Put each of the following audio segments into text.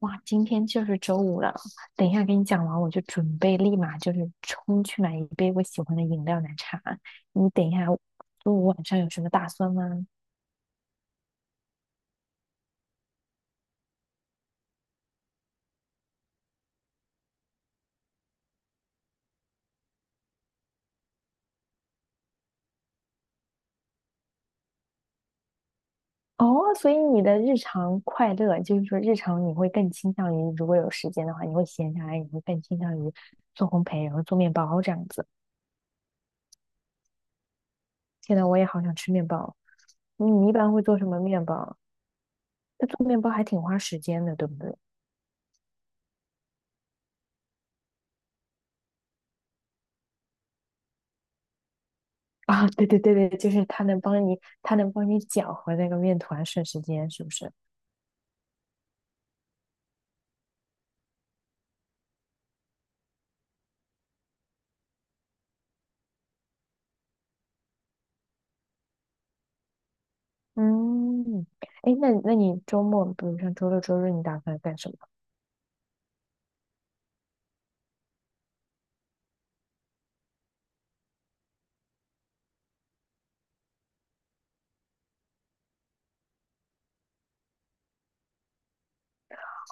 哇，今天就是周五了，等一下给你讲完，我就准备立马就是冲去买一杯我喜欢的饮料奶茶。你等一下，周五晚上有什么打算吗？哦，所以你的日常快乐，就是说日常你会更倾向于，如果有时间的话，你会闲下来，你会更倾向于做烘焙，然后做面包这样子。现在我也好想吃面包，你一般会做什么面包？那做面包还挺花时间的，对不对？啊，对对对对，就是它能帮你，它能帮你搅和那个面团，省时间，是不是？嗯，哎，那你周末，比如像周六周日，你打算干什么？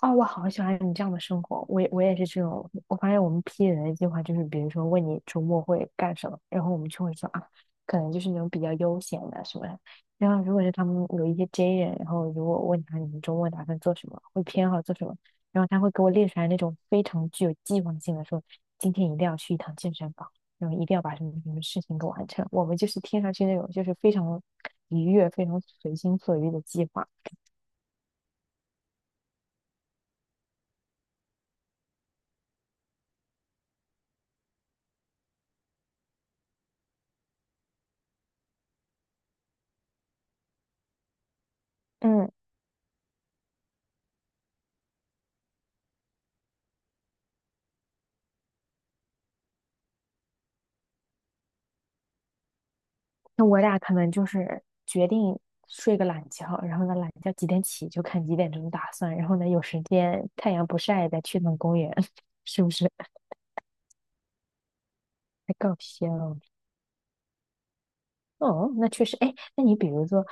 哦，我好喜欢你这样的生活。我也是这种，我发现我们 P 人的计划就是，比如说问你周末会干什么，然后我们就会说啊，可能就是那种比较悠闲的什么的。然后如果是他们有一些 J 人，然后如果问他你们周末打算做什么，会偏好做什么，然后他会给我列出来那种非常具有计划性的说，今天一定要去一趟健身房，然后一定要把什么什么事情给完成。我们就是听上去那种就是非常愉悦、非常随心所欲的计划。嗯，那我俩可能就是决定睡个懒觉，然后呢，懒觉几点起就看几点钟打算，然后呢，有时间太阳不晒再去趟公园，是不是？太搞笑了。哦，那确实，哎，那你比如说，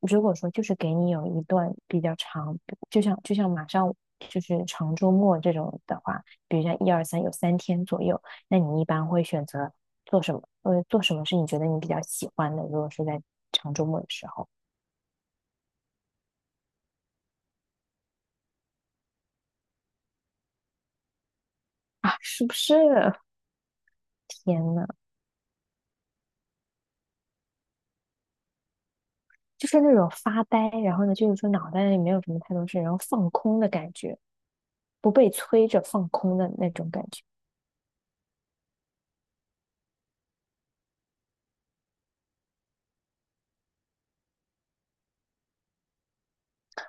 如果说就是给你有一段比较长，就像马上就是长周末这种的话，比如像一二三有三天左右，那你一般会选择做什么？做什么是你觉得你比较喜欢的？如果是在长周末的时候啊，是不是？天呐，就是那种发呆，然后呢，就是说脑袋里没有什么太多事，然后放空的感觉，不被催着放空的那种感觉。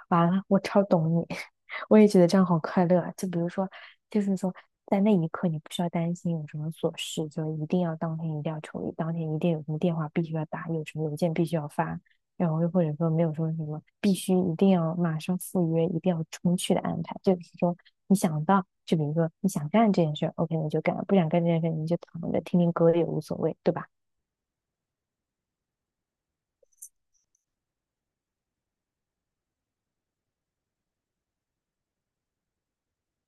完了，我超懂你，我也觉得这样好快乐啊。就比如说，就是说，在那一刻你不需要担心有什么琐事，就一定要当天一定要处理，当天一定有什么电话必须要打，有什么邮件必须要发，然后又或者说没有说什么必须一定要马上赴约，一定要冲去的安排，就是说你想到，就比如说你想干这件事 o k 你就干；不想干这件事儿你就躺着听听歌也无所谓，对吧？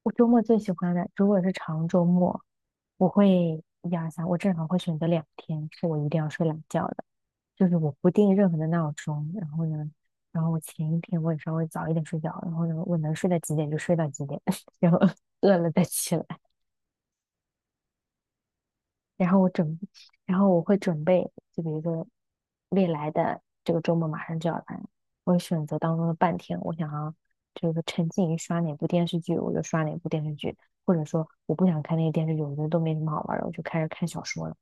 我周末最喜欢的，如果是长周末，我会一二三，我正好会选择两天是我一定要睡懒觉的，就是我不定任何的闹钟，然后呢，然后我前一天我也稍微早一点睡觉，然后呢，我能睡到几点就睡到几点，然后饿了再起来。然后我准，然后我会准备，就比如说未来的这个周末马上就要来，我会选择当中的半天，我想要就是沉浸于刷哪部电视剧，我就刷哪部电视剧，或者说我不想看那个电视剧，我觉得都没什么好玩儿的，我就开始看小说了。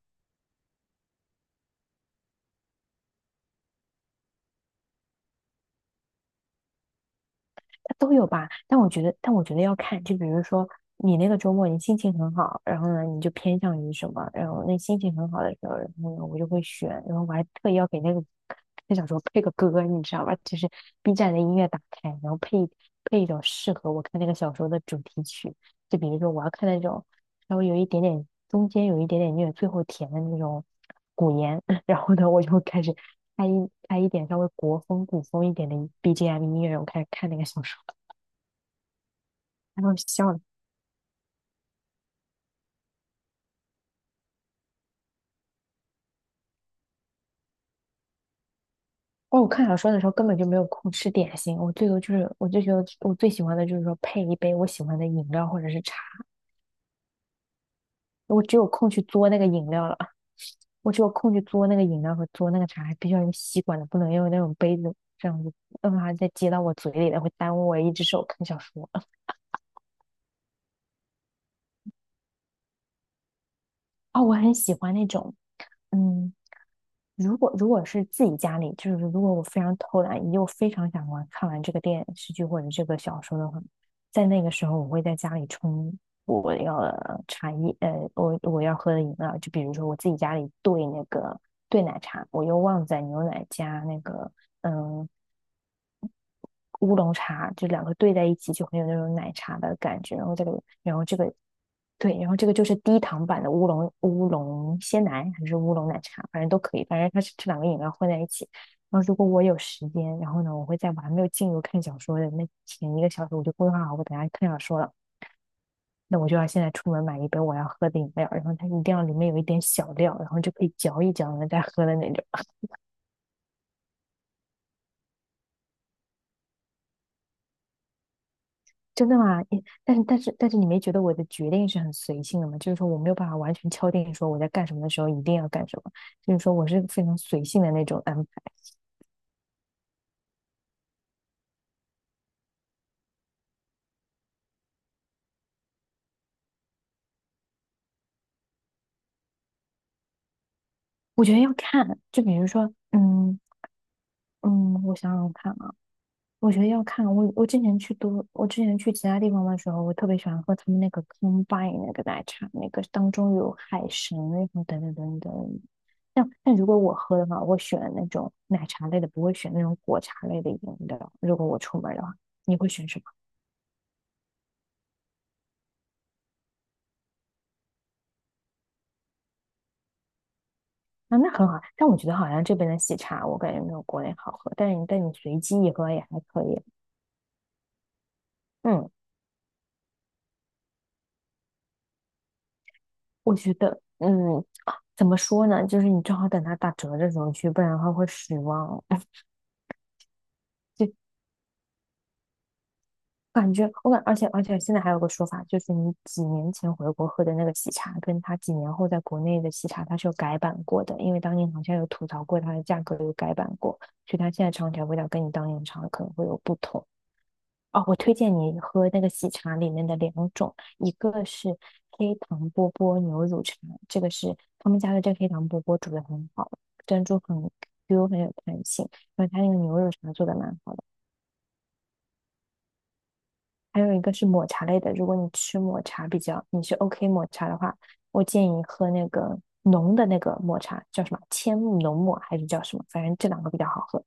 都有吧，但我觉得，但我觉得要看，就比如说你那个周末你心情很好，然后呢你就偏向于什么，然后那心情很好的时候，然后呢我就会选，然后我还特意要给那个那小说配个歌，你知道吧？就是 B 站的音乐打开，然后配一种适合我看那个小说的主题曲，就比如说我要看那种稍微有一点点中间有一点点虐，最后甜的那种古言，然后呢我就开始。开一点稍微国风古风一点的 BGM 音乐，我开始看那个小说。然后笑了。哦，我看小说的时候根本就没有空吃点心，我最多就是我就觉得我最喜欢的就是说配一杯我喜欢的饮料或者是茶，我只有空去嘬那个饮料了，我只有空去嘬那个饮料和嘬那个茶，还必须要用吸管的，不能用那种杯子这样子，要不然它再接到我嘴里的会耽误我一只手看小说。哦，我很喜欢那种嗯如果是自己家里，就是如果我非常偷懒，又非常想玩，看完这个电视剧或者这个小说的话，在那个时候，我会在家里冲我要的茶叶，我要喝的饮料，就比如说我自己家里兑那个兑奶茶，我用旺仔牛奶加那个嗯、乌龙茶，就两个兑在一起，就很有那种奶茶的感觉。然后这个，然后这个，对，然后这个就是低糖版的乌龙鲜奶还是乌龙奶茶，反正都可以，反正它是这两个饮料混在一起。然后如果我有时间，然后呢，我会在我还没有进入看小说的那前一个小时，我就规划好我等下看小说了。那我就要现在出门买一杯我要喝的饮料，然后它一定要里面有一点小料，然后就可以嚼一嚼呢再喝的那种。真的吗？你，但是你没觉得我的决定是很随性的吗？就是说我没有办法完全敲定说我在干什么的时候一定要干什么，就是说我是非常随性的那种安排。我觉得要看，就比如说，嗯，我想想看啊。我觉得要看我，我之前去都，我之前去其他地方的时候，我特别喜欢喝他们那个 Combine 那个奶茶，那个当中有海参，那种等等等等。但如果我喝的话，我选那种奶茶类的，不会选那种果茶类的饮料。如果我出门的话，你会选什么？啊，那很好。但我觉得好像这边的喜茶，我感觉没有国内好喝。但你随机一喝也还可以。嗯，我觉得，嗯，啊怎么说呢？就是你正好等它打折的时候去，不然的话会失望。感觉我感，而且现在还有个说法，就是你几年前回国喝的那个喜茶，跟他几年后在国内的喜茶，它是有改版过的，因为当年好像有吐槽过它的价格有改版过，所以它现在尝起来味道跟你当年尝的可能会有不同。哦，我推荐你喝那个喜茶里面的两种，一个是黑糖波波牛乳茶，这个是他们家的这个黑糖波波煮的很好，珍珠很 Q 很有弹性，然后它那个牛乳茶做的蛮好的。还有一个是抹茶类的，如果你吃抹茶比较，你是 OK 抹茶的话，我建议喝那个浓的那个抹茶，叫什么千木浓抹还是叫什么？反正这两个比较好喝。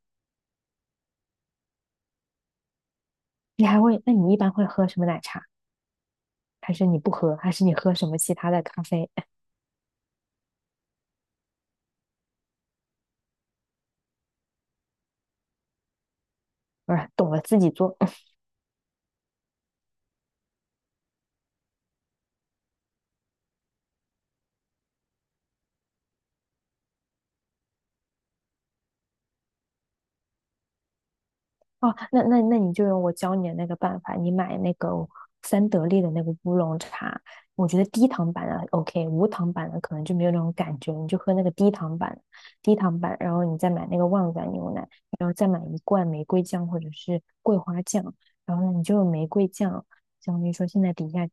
你还会，那你一般会喝什么奶茶？还是你不喝？还是你喝什么其他的咖啡？不是，懂了自己做。哦，那你就用我教你的那个办法，你买那个三得利的那个乌龙茶，我觉得低糖版的 OK，无糖版的可能就没有那种感觉，你就喝那个低糖版，低糖版，然后你再买那个旺仔牛奶，然后再买一罐玫瑰酱或者是桂花酱，然后呢你就用玫瑰酱，相当于说现在底下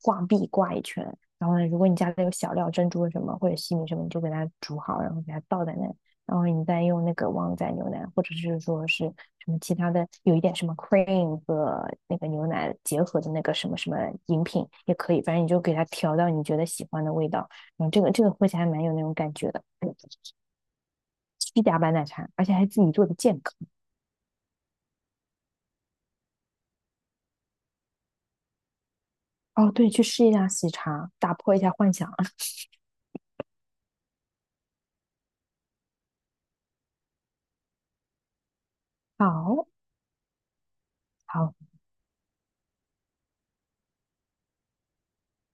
挂壁挂一圈，然后呢，如果你家里有小料珍珠什么或者西米什么，你就给它煮好，然后给它倒在那然后你再用那个旺仔牛奶，或者是说是什么其他的，有一点什么 cream 和那个牛奶结合的那个什么什么饮品也可以，反正你就给它调到你觉得喜欢的味道。嗯，这个喝起来还蛮有那种感觉的，嗯虚假版奶茶，而且还自己做的健康。哦，对，去试一下喜茶，打破一下幻想。好，好。